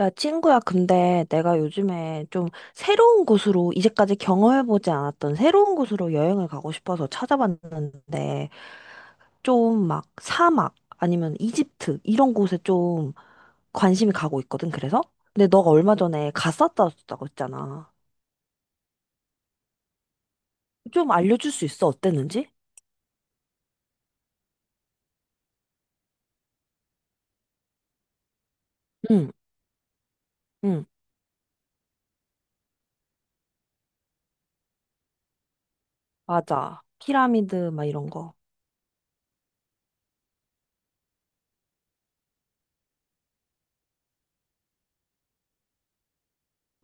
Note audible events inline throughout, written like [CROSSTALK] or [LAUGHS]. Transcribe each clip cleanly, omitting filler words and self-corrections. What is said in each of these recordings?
야, 친구야, 근데 내가 요즘에 좀 새로운 곳으로, 이제까지 경험해보지 않았던 새로운 곳으로 여행을 가고 싶어서 찾아봤는데, 좀 막 사막, 아니면 이집트, 이런 곳에 좀 관심이 가고 있거든, 그래서? 근데 너가 얼마 전에 갔었다고 했잖아. 좀 알려줄 수 있어, 어땠는지? 응, 응, 맞아. 피라미드, 막 이런 거.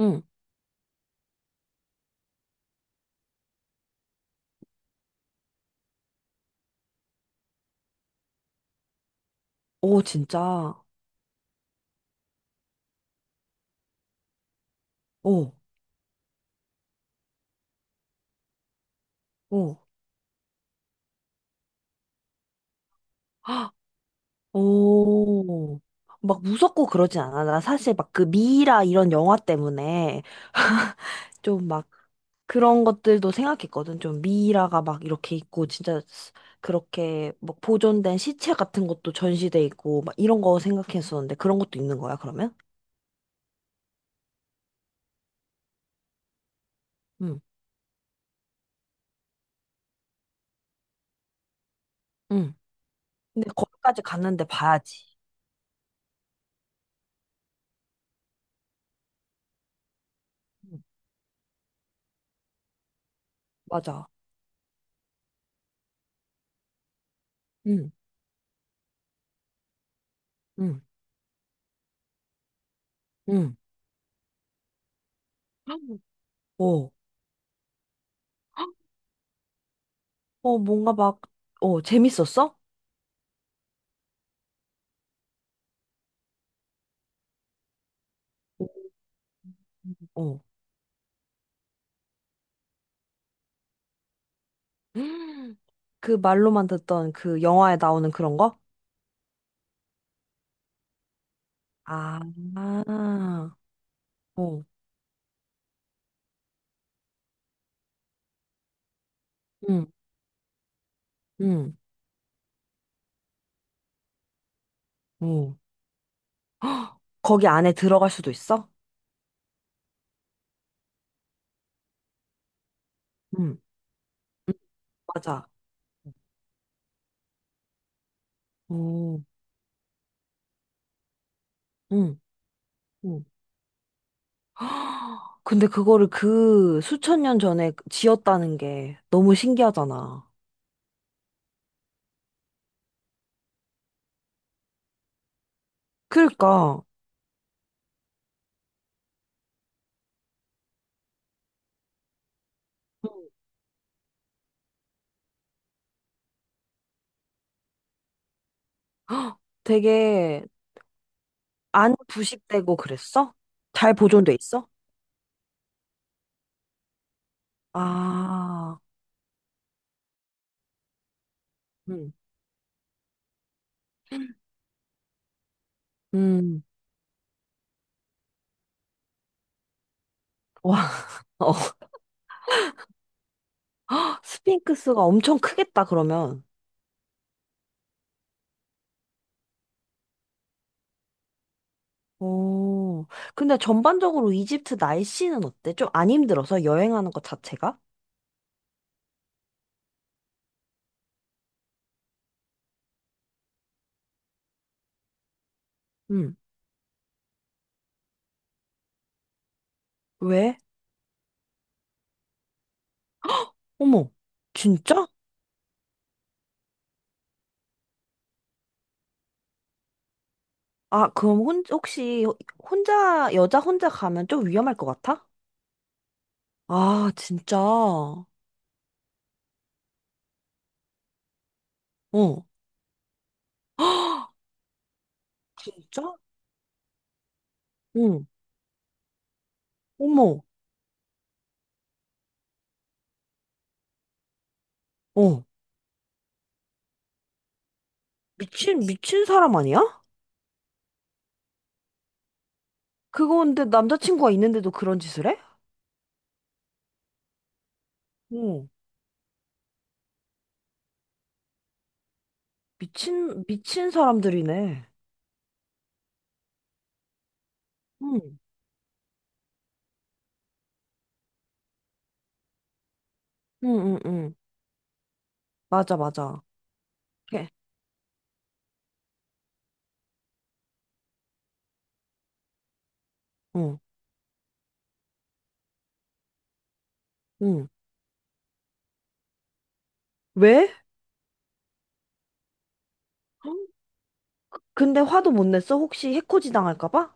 응. 오, 진짜. 오, 오. 오, 막 무섭고 그러진 않아. 나 사실 막 그 미이라 이런 영화 때문에 좀 막 그런 것들도 생각했거든. 좀 미이라가 막 이렇게 있고 진짜 그렇게 막 보존된 시체 같은 것도 전시돼 있고 막 이런 거 생각했었는데 그런 것도 있는 거야, 그러면? 응, 응. 근데 거기까지 갔는데 봐야지. 응, 맞아. 응, 응, 응. 오, 어, 뭔가 막, 어, 재밌었어? 오, 어. [GASPS] 음. 그 말로만 듣던 그 영화에 나오는 그런 거? 아, 아, 어, 응, 응, 어. 헉, [GASPS] 거기 안에 들어갈 수도 있어? 응, 응, 맞아. 오, 응, 응. [GASPS] 헉, 근데 그거를 그 수천 년 전에 지었다는 게 너무 신기하잖아. 그러니까 [GASPS] 응. 헉, 되게 안 부식되고 그랬어? 잘 보존돼 있어? 아, 응, 응. 와, [LAUGHS] 스핑크스가 엄청 크겠다, 그러면. 오, 근데 전반적으로 이집트 날씨는 어때? 좀 안 힘들어서 여행하는 것 자체가? 응. 왜? 어머, 진짜? 아, 그럼 혹시 혼자, 여자 혼자 가면 좀 위험할 것 같아? 아, 진짜? 어. [GASPS] 헉, 진짜? 응. 어머, 어. 미친 사람 아니야? 그거 근데 남자친구가 있는데도 그런 짓을 해? 어. 미친 사람들이네. 응. 응응응 맞아 맞아 그 응. 응. 왜? 헉, 근데 화도 못 냈어? 혹시 해코지 당할까 봐?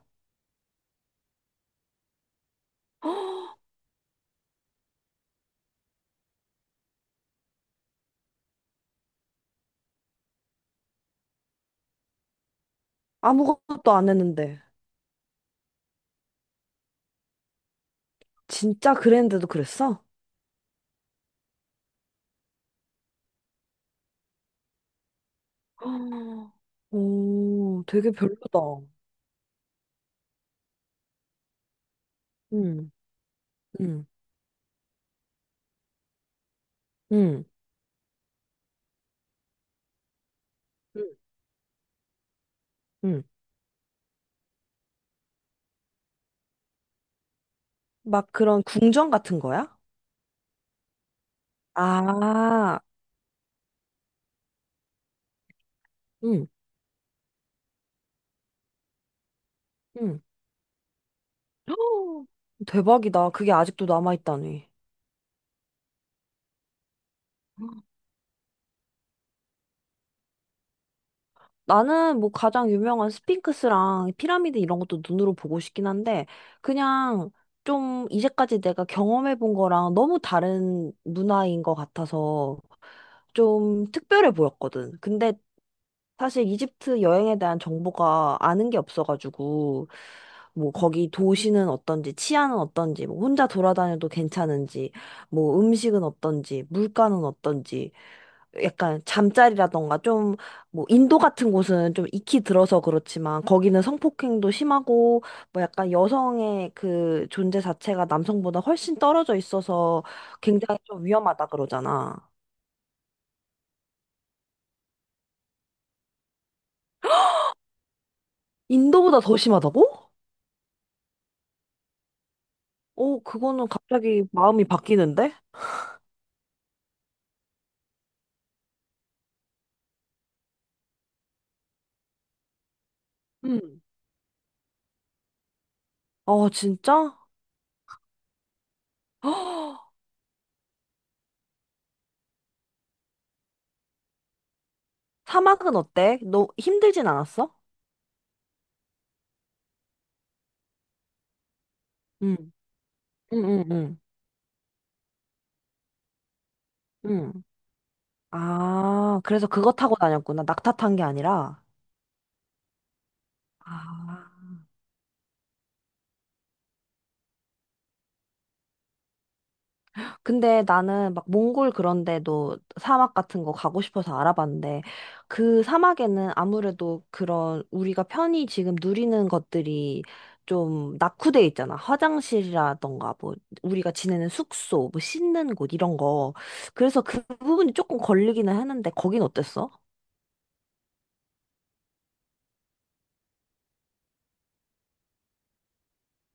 헉, 아무것도 안 했는데 진짜 그랬는데도 그랬어? 헉, 오 되게 별로다 응 응 응응 응. 막 그런 궁전 같은 거야? 아, 응, 응. 헉, 대박이다. 그게 아직도 남아있다니. 나는 뭐 가장 유명한 스핑크스랑 피라미드 이런 것도 눈으로 보고 싶긴 한데, 그냥 좀 이제까지 내가 경험해 본 거랑 너무 다른 문화인 것 같아서 좀 특별해 보였거든. 근데 사실 이집트 여행에 대한 정보가 아는 게 없어가지고, 뭐 거기 도시는 어떤지, 치안은 어떤지, 뭐 혼자 돌아다녀도 괜찮은지, 뭐 음식은 어떤지, 물가는 어떤지, 약간 잠자리라던가 좀 뭐 인도 같은 곳은 좀 익히 들어서 그렇지만 거기는 성폭행도 심하고 뭐 약간 여성의 그 존재 자체가 남성보다 훨씬 떨어져 있어서 굉장히 좀 위험하다 그러잖아. 인도보다 더 심하다고? 어, 그거는 갑자기 마음이 바뀌는데? 응, 어, 진짜? [GASPS] 헉, 사막은 어때? 너 힘들진 않았어? 응, 응, 응, 응. 응. 아, 그래서 그거 타고 다녔구나. 낙타 탄 게 아니라. 아. 근데 나는 막 몽골 그런 데도 사막 같은 거 가고 싶어서 알아봤는데 그 사막에는 아무래도 그런 우리가 편히 지금 누리는 것들이 좀 낙후돼 있잖아. 화장실이라던가 뭐 우리가 지내는 숙소, 뭐 씻는 곳 이런 거. 그래서 그 부분이 조금 걸리기는 했는데 거긴 어땠어?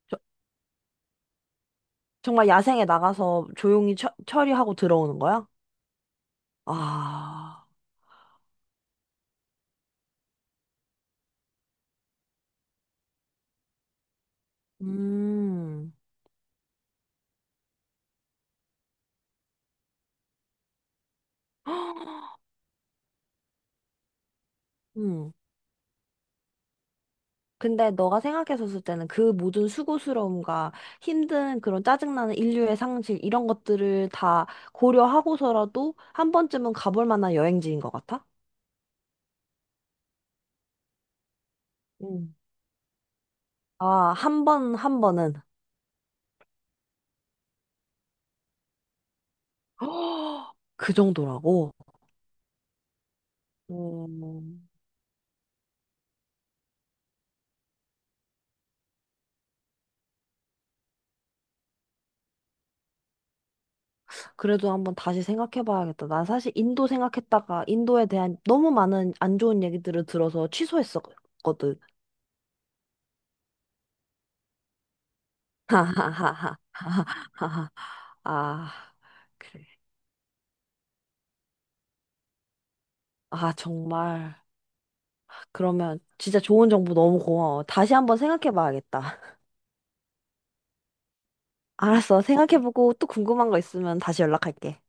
저- 정말 야생에 나가서 조용히 처리하고 들어오는 거야? 아. 음. [GASPS] 음. 근데 너가 생각했었을 때는 그 모든 수고스러움과 힘든 그런 짜증나는 인류의 상실 이런 것들을 다 고려하고서라도 한 번쯤은 가볼 만한 여행지인 것 같아? 음. 아, 한 번은 [GASPS] 헉! 그 정도라고. 음. 그래도 한번 다시 생각해봐야겠다. 난 사실 인도 생각했다가 인도에 대한 너무 많은 안 좋은 얘기들을 들어서 취소했었거든. [LAUGHS] 하하하하. 하하하하. 아, 그래. 아, 정말. 그러면 진짜 좋은 정보 너무 고마워. 다시 한번 생각해 봐야겠다. [LAUGHS] 알았어. 생각해 보고 또 궁금한 거 있으면 다시 연락할게.